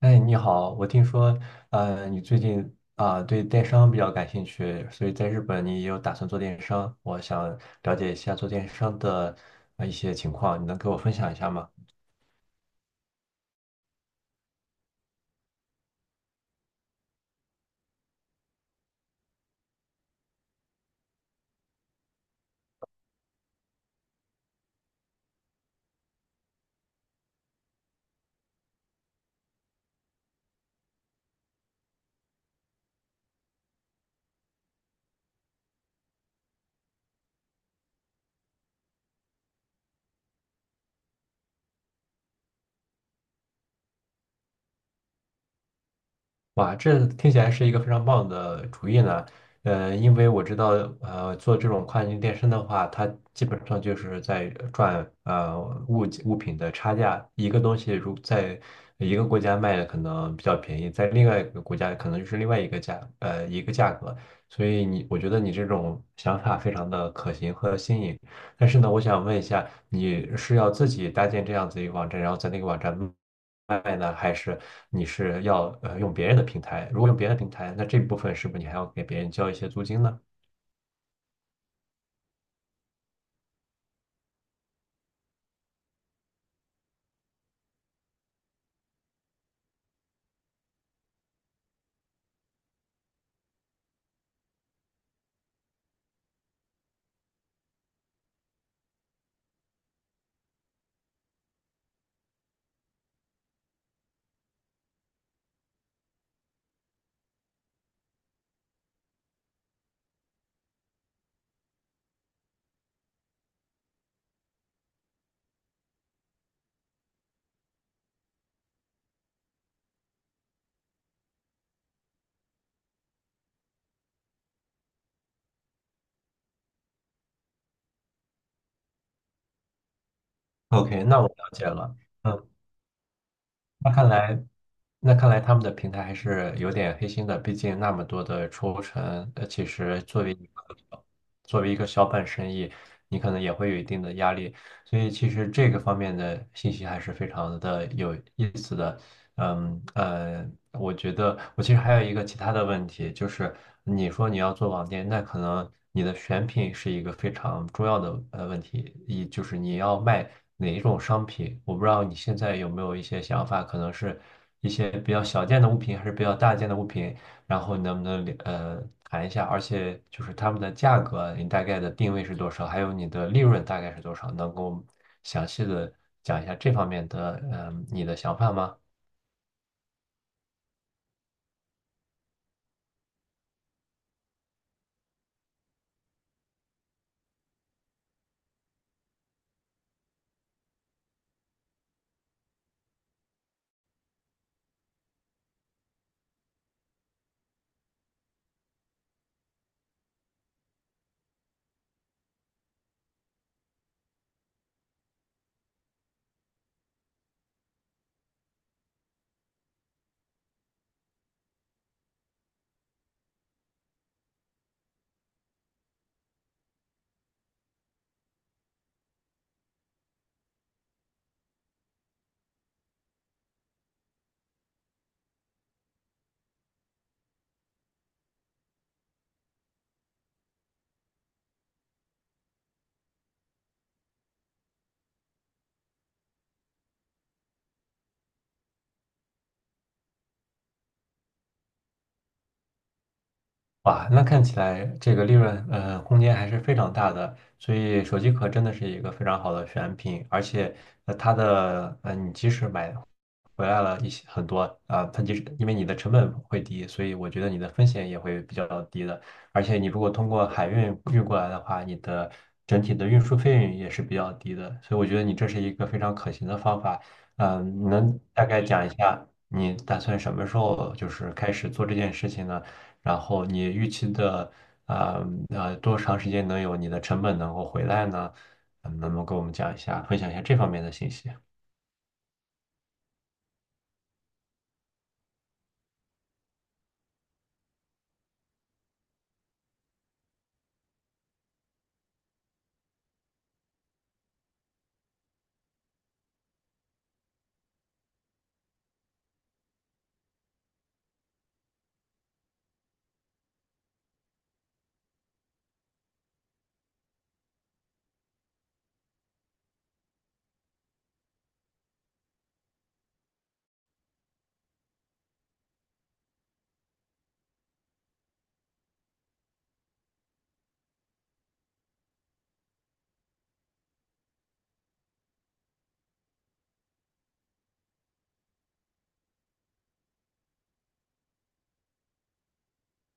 哎，你好，我听说，你最近啊，对电商比较感兴趣，所以在日本你也有打算做电商，我想了解一下做电商的一些情况，你能给我分享一下吗？哇，这听起来是一个非常棒的主意呢。因为我知道，做这种跨境电商的话，它基本上就是在赚物品的差价。一个东西如在一个国家卖的可能比较便宜，在另外一个国家可能就是另外一个一个价格。所以你，我觉得你这种想法非常的可行和新颖。但是呢，我想问一下，你是要自己搭建这样子一个网站，然后在那个网站卖呢，还是？你是要用别人的平台，如果用别人的平台，那这部分是不是你还要给别人交一些租金呢？OK，那我了解了。嗯，那看来那看来他们的平台还是有点黑心的，毕竟那么多的抽成，其实作为一个小本生意，你可能也会有一定的压力，所以其实这个方面的信息还是非常的有意思的。我觉得我其实还有一个其他的问题，就是你说你要做网店，那可能你的选品是一个非常重要的问题，就是你要卖哪一种商品，我不知道你现在有没有一些想法，可能是一些比较小件的物品，还是比较大件的物品，然后你能不能谈一下，而且就是他们的价格，你大概的定位是多少，还有你的利润大概是多少，能够详细的讲一下这方面的你的想法吗？哇，那看起来这个利润空间还是非常大的，所以手机壳真的是一个非常好的选品，而且呃它的呃你即使买回来了一些很多啊，它就是因为你的成本会低，所以我觉得你的风险也会比较低的。而且你如果通过海运运过来的话，你的整体的运输费用也是比较低的。所以我觉得你这是一个非常可行的方法。嗯，你能大概讲一下你打算什么时候就是开始做这件事情呢？然后你预期的啊多长时间能有你的成本能够回来呢？嗯，能不能给我们讲一下，分享一下这方面的信息？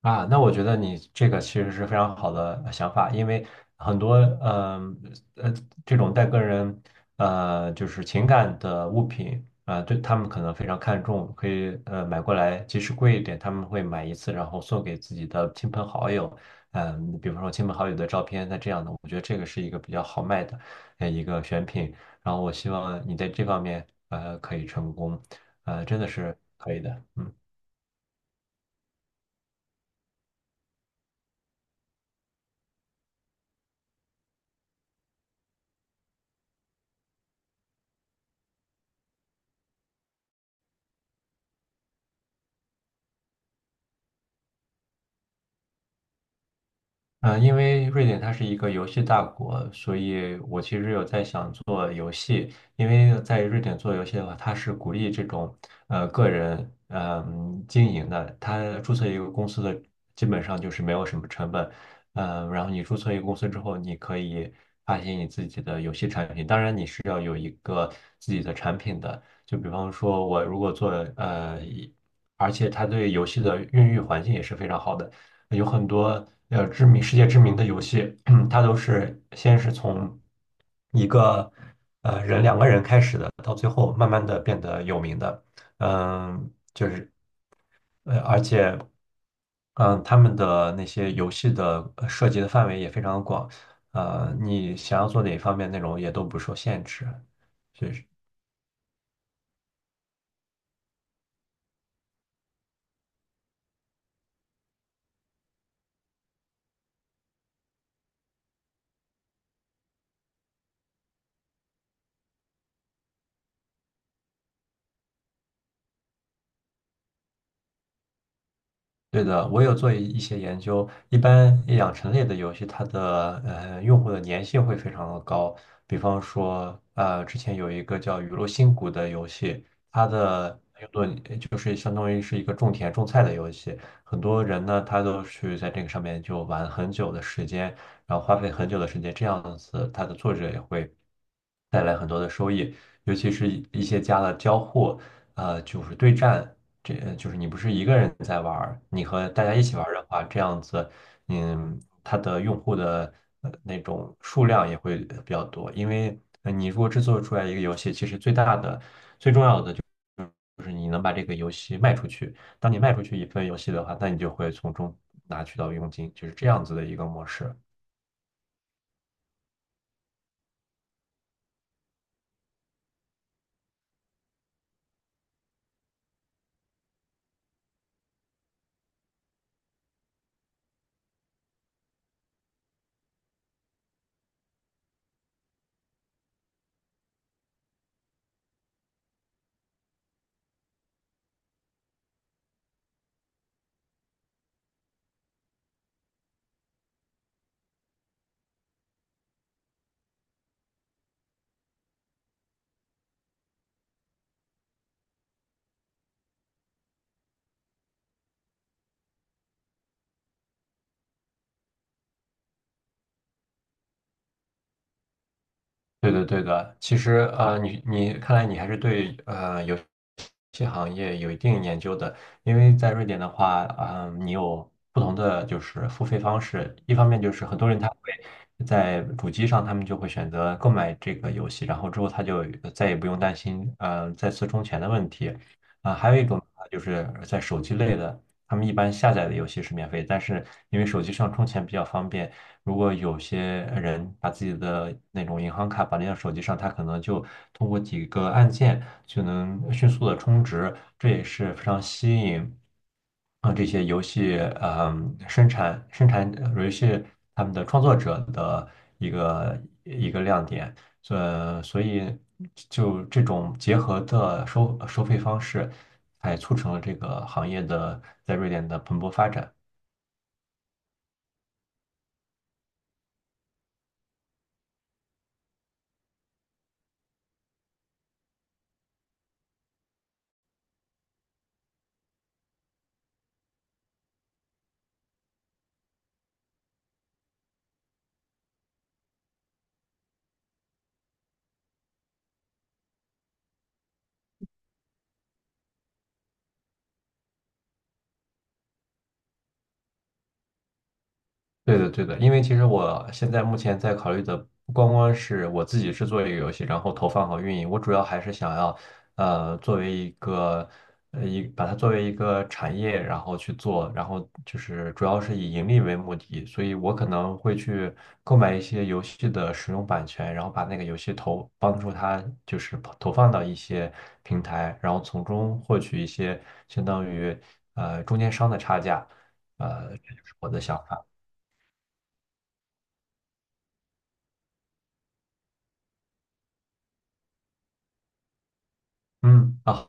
啊，那我觉得你这个其实是非常好的想法，因为很多嗯呃，这种带个人就是情感的物品啊、对他们可能非常看重，可以买过来，即使贵一点，他们会买一次，然后送给自己的亲朋好友，嗯、比方说亲朋好友的照片，那这样的，我觉得这个是一个比较好卖的一个选品，然后我希望你在这方面可以成功，真的是可以的，嗯。嗯，因为瑞典它是一个游戏大国，所以我其实有在想做游戏。因为在瑞典做游戏的话，它是鼓励这种个人经营的。它注册一个公司的基本上就是没有什么成本，嗯，然后你注册一个公司之后，你可以发行你自己的游戏产品。当然，你是要有一个自己的产品的。就比方说，我如果做呃，一而且它对游戏的孕育环境也是非常好的。有很多知名世界知名的游戏，它都是先是从一个人两个人开始的，到最后慢慢的变得有名的，嗯，就是呃而且嗯他们的那些游戏的涉及的范围也非常广，你想要做哪方面内容也都不受限制。对的，我有做一些研究，一般养成类的游戏，它的用户的粘性会非常的高。比方说，之前有一个叫《雨露新谷》的游戏，它的用作就是相当于是一个种田种菜的游戏，很多人呢他都去在这个上面就玩很久的时间，然后花费很久的时间，这样子它的作者也会带来很多的收益，尤其是一些加了交互，就是对战。就是你不是一个人在玩儿，你和大家一起玩儿的话，这样子，嗯，它的用户的那种数量也会比较多。因为你如果制作出来一个游戏，其实最大的、最重要的就是你能把这个游戏卖出去。当你卖出去一份游戏的话，那你就会从中拿取到佣金，就是这样子的一个模式。对的，对的。其实，你看来你还是对游戏行业有一定研究的，因为在瑞典的话，啊、你有不同的就是付费方式。一方面就是很多人他会在主机上，他们就会选择购买这个游戏，然后之后他就再也不用担心再次充钱的问题。啊、还有一种就是在手机类的，他们一般下载的游戏是免费，但是因为手机上充钱比较方便。如果有些人把自己的那种银行卡绑定到手机上，他可能就通过几个按键就能迅速的充值，这也是非常吸引啊这些游戏生产游戏他们的创作者的一个亮点。所以就这种结合的收费方式，才促成了这个行业的在瑞典的蓬勃发展。对的，对的，因为其实我现在目前在考虑的不光是我自己制作一个游戏，然后投放和运营，我主要还是想要，作为一个，把它作为一个产业，然后去做，然后就是主要是以盈利为目的，所以我可能会去购买一些游戏的使用版权，然后把那个游戏投，帮助它就是投放到一些平台，然后从中获取一些相当于中间商的差价，这就是我的想法。嗯啊，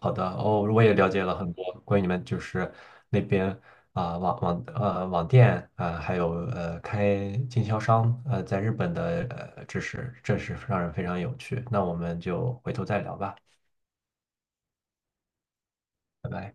好的，哦，我也了解了很多关于你们就是那边啊、网店啊、还有开经销商在日本的知识，这是让人非常有趣。那我们就回头再聊吧，拜拜。